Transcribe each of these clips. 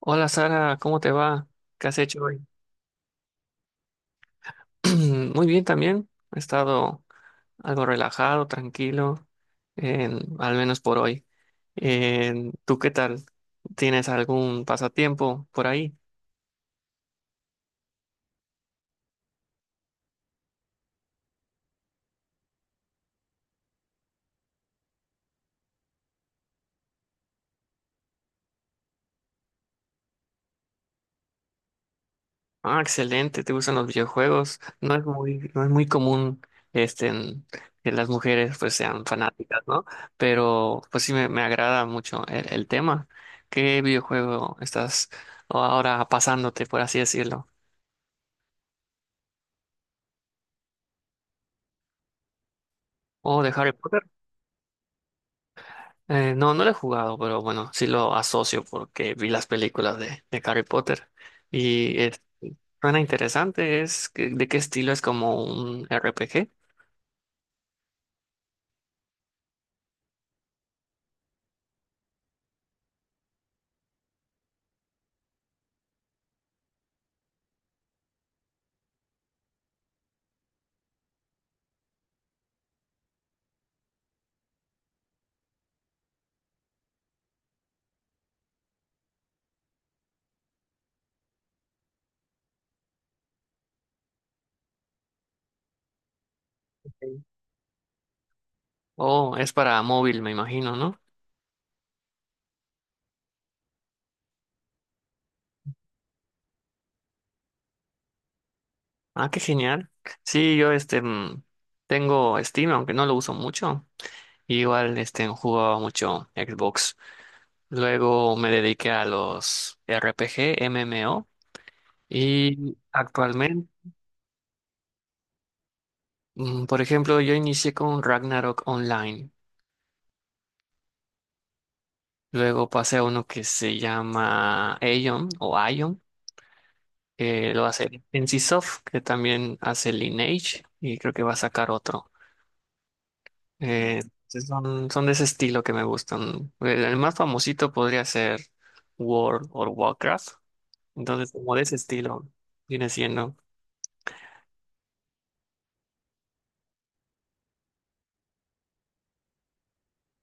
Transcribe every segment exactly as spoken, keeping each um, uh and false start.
Hola Sara, ¿cómo te va? ¿Qué has hecho hoy? Muy bien también. He estado algo relajado, tranquilo, en- al menos por hoy. En- ¿tú qué tal? ¿Tienes algún pasatiempo por ahí? Ah, excelente, te gustan los videojuegos. No es muy, no es muy común, este, en- que las mujeres pues sean fanáticas, ¿no? Pero pues sí me, me agrada mucho el, el tema. ¿Qué videojuego estás ahora pasándote, por así decirlo? ¿O de Harry Potter? Eh, no, no lo he jugado, pero bueno, sí lo asocio porque vi las películas de, de Harry Potter y eh, suena interesante. Es que- ¿de qué estilo es, como un R RPG? Sí. Oh, es para móvil, me imagino, ¿no? Ah, qué genial. Sí, yo este mm, tengo Steam, aunque no lo uso mucho. Igual este jugaba mucho Xbox. Luego me dediqué a los R P G M M O y actualmente, mm, por ejemplo, yo inicié con Ragnarok Online. Luego pasé a uno que se llama Aion o Aion, que lo hace NCSoft, que también hace Lineage, y creo que va a sacar otro. Eh, entonces son, son de ese estilo que me gustan. El, el más famosito podría ser World o Warcraft. Entonces, como de ese estilo viene siendo.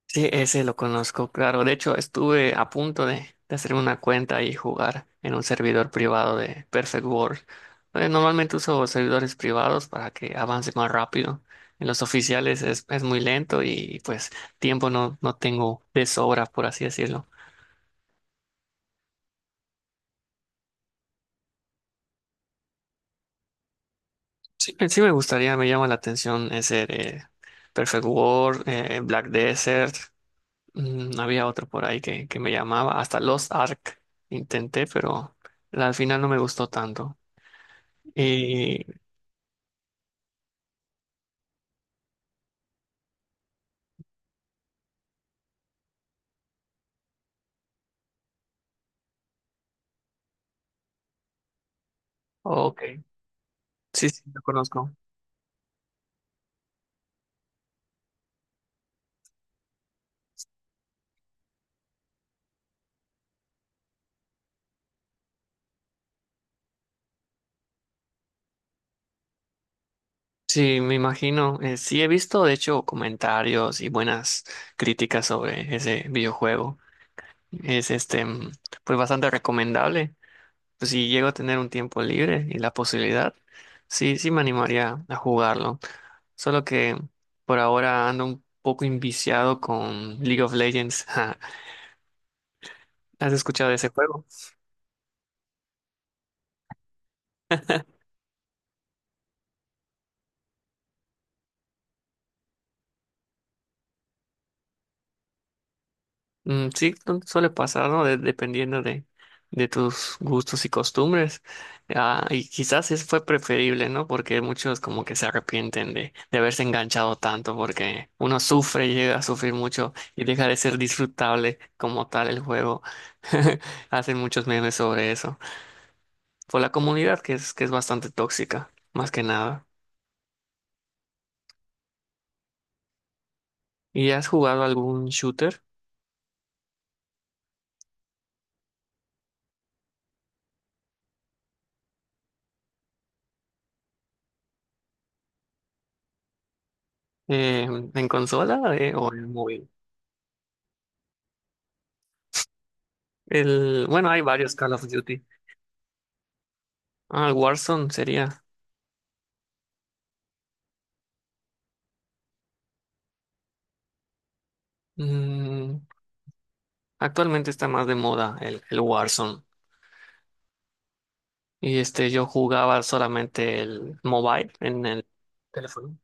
Sí, ese lo conozco, claro. De hecho, estuve a punto de, de hacerme una cuenta y jugar en un servidor privado de Perfect World. Eh, Normalmente uso servidores privados para que avance más rápido. En los oficiales es, es muy lento y pues tiempo no, no tengo de sobra, por así decirlo. Sí, sí me gustaría, me llama la atención ese de Perfect World, eh, Black Desert. Mm, había otro por ahí que, que me llamaba, hasta Lost Ark intenté, pero al final no me gustó tanto. Y, ok, sí, sí, lo conozco. Sí, me imagino. Eh, sí, he visto, de hecho, comentarios y buenas críticas sobre ese videojuego. Es este, mm, pues bastante recomendable. Pues si llego a tener un tiempo libre y la posibilidad, sí, sí me animaría a jugarlo. Solo que por ahora ando un poco inviciado con League of Legends. ¿Has escuchado de ese juego? Mm, sí, no, suele pasar, ¿no? De- dependiendo de, de tus gustos y costumbres. Ah, y quizás es fue preferible, ¿no? Porque muchos como que se arrepienten de, de haberse enganchado tanto, porque uno sufre, llega a sufrir mucho y deja de ser disfrutable como tal el juego. Hacen muchos memes sobre eso. Por la comunidad que es, que es bastante tóxica, más que nada. ¿Y has jugado algún shooter eh, en consola, eh, o en móvil? El, bueno, hay varios Call of Duty. Ah, el Warzone sería. Mm, Actualmente está más de moda el, el Warzone. Y este, yo jugaba solamente el mobile en el teléfono.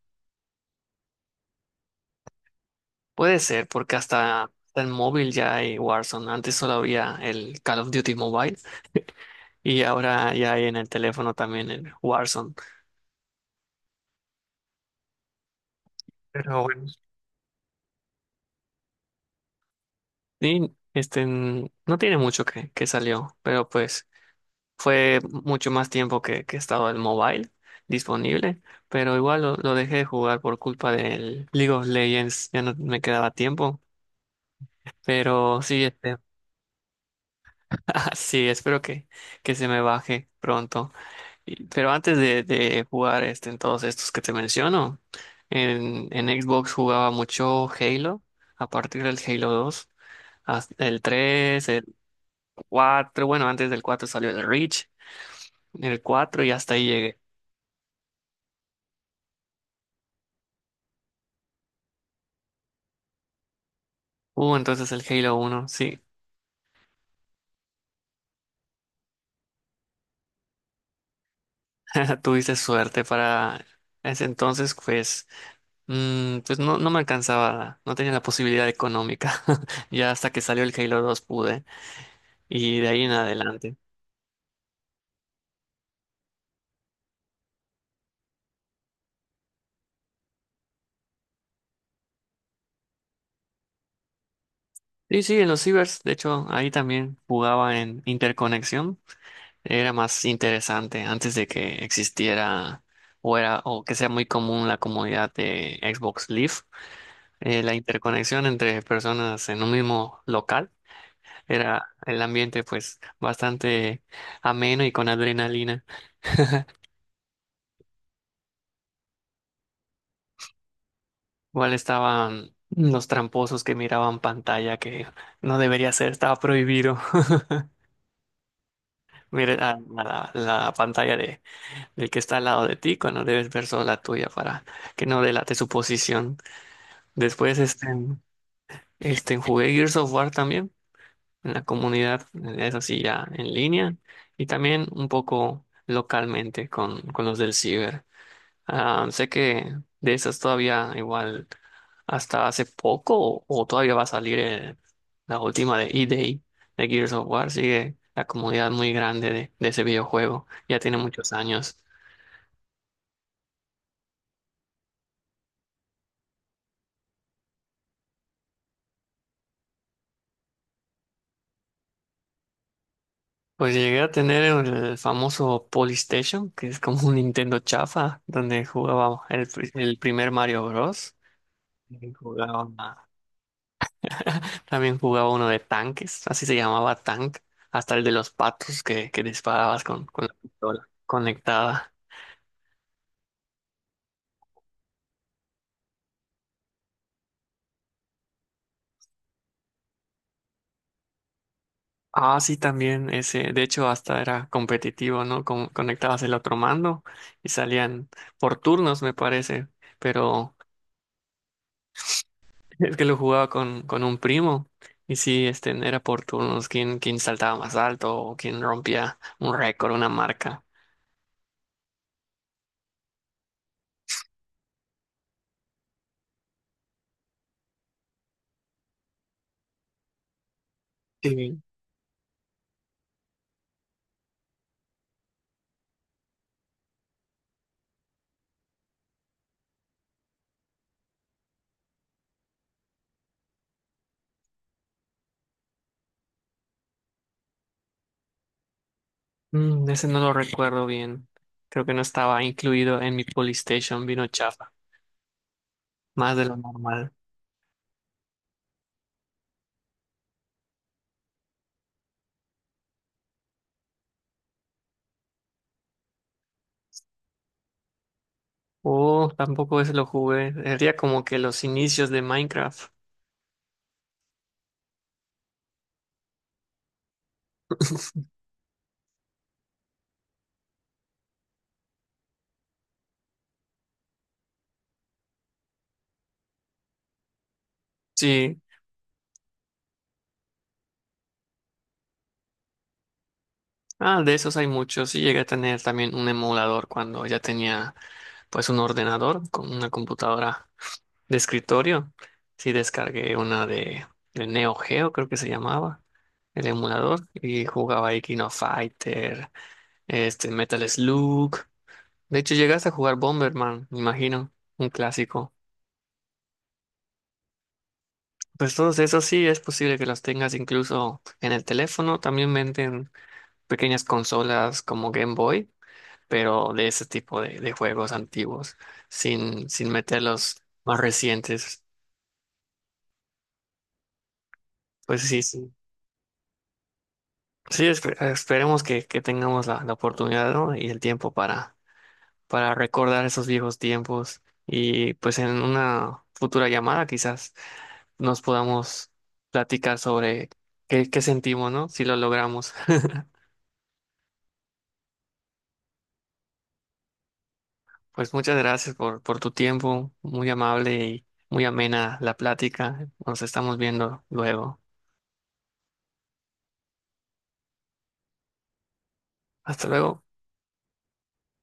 Puede ser, porque hasta, hasta en móvil ya hay Warzone. Antes solo había el Call of Duty Mobile y ahora ya hay en el teléfono también el Warzone. Pero bueno. Y este, mm, no tiene mucho que, que salió, pero pues. Fue mucho más tiempo que, que estaba el mobile disponible, pero igual lo, lo dejé de jugar por culpa del League of Legends, ya no me quedaba tiempo, pero sí, este, sí, espero que, que se me baje pronto. Y- Pero antes de, de jugar este, en todos estos que te menciono, en, en Xbox jugaba mucho Halo, a partir del Halo dos, hasta el tres, el cuatro, bueno, antes del cuatro salió el Reach, el cuatro y hasta ahí llegué. Uh, entonces el Halo uno sí. Tuviste suerte para ese entonces, pues, mm, pues no, no me alcanzaba, no tenía la posibilidad económica. Ya hasta que salió el Halo dos pude, y de ahí en adelante. Sí, sí, en los cibers, de hecho, ahí también jugaba en interconexión. Era más interesante antes de que existiera o era o que sea muy común la comunidad de Xbox Live, eh, la interconexión entre personas en un mismo local. Era el ambiente pues bastante ameno y con adrenalina. Igual estaban los tramposos que miraban pantalla que no debería ser, estaba prohibido. Mira, a- la, la pantalla de, del que está al lado de ti cuando debes ver solo la tuya para que no delate su posición. Después este, este, jugué Gears of War también en la comunidad, eso sí ya en línea y también un poco localmente con, con los del ciber. Ah, sé que de esas todavía igual hasta hace poco o, o todavía va a salir, eh, la última de E-Day de Gears of War. Sigue la comunidad muy grande de, de ese videojuego. Ya tiene muchos años. Pues llegué a tener el famoso Polystation, que es como un Nintendo chafa, donde jugaba el, pri- el primer Mario Bros. Y Jugaba También jugaba uno de tanques, así se llamaba tank, hasta el de los patos que, que disparabas con, con la pistola conectada. Ah, sí, también ese, de hecho hasta era competitivo, ¿no? Con- conectabas el otro mando y salían por turnos, me parece, pero es que lo jugaba con, con un primo y sí, este, era por turnos, quién, quién saltaba más alto o quién rompía un récord, una marca. Sí. Mm, ese no lo recuerdo bien. Creo que no estaba incluido en mi Polystation, vino chafa, más de lo normal. Oh, tampoco ese lo jugué. Sería como que los inicios de Minecraft. Sí. Ah, de esos hay muchos. Sí, llegué a tener también un emulador cuando ya tenía pues un ordenador con una computadora de escritorio. Sí, descargué una de, de Neo Geo, creo que se llamaba, el emulador, y jugaba ahí King of Fighter, este Metal Slug. De hecho, llegaste a jugar Bomberman, me imagino, un clásico. Pues todos esos sí es posible que los tengas incluso en el teléfono. También venden pequeñas consolas como Game Boy, pero de ese tipo de, de juegos antiguos, sin, sin meter los más recientes. Pues sí, sí. Sí, espe- esperemos que, que tengamos la, la oportunidad, ¿no? Y el tiempo para, para recordar esos viejos tiempos. Y pues en una futura llamada quizás, nos podamos platicar sobre qué, qué sentimos, ¿no? Si lo logramos. Pues muchas gracias por, por tu tiempo, muy amable y muy amena la plática. Nos estamos viendo luego. Hasta luego.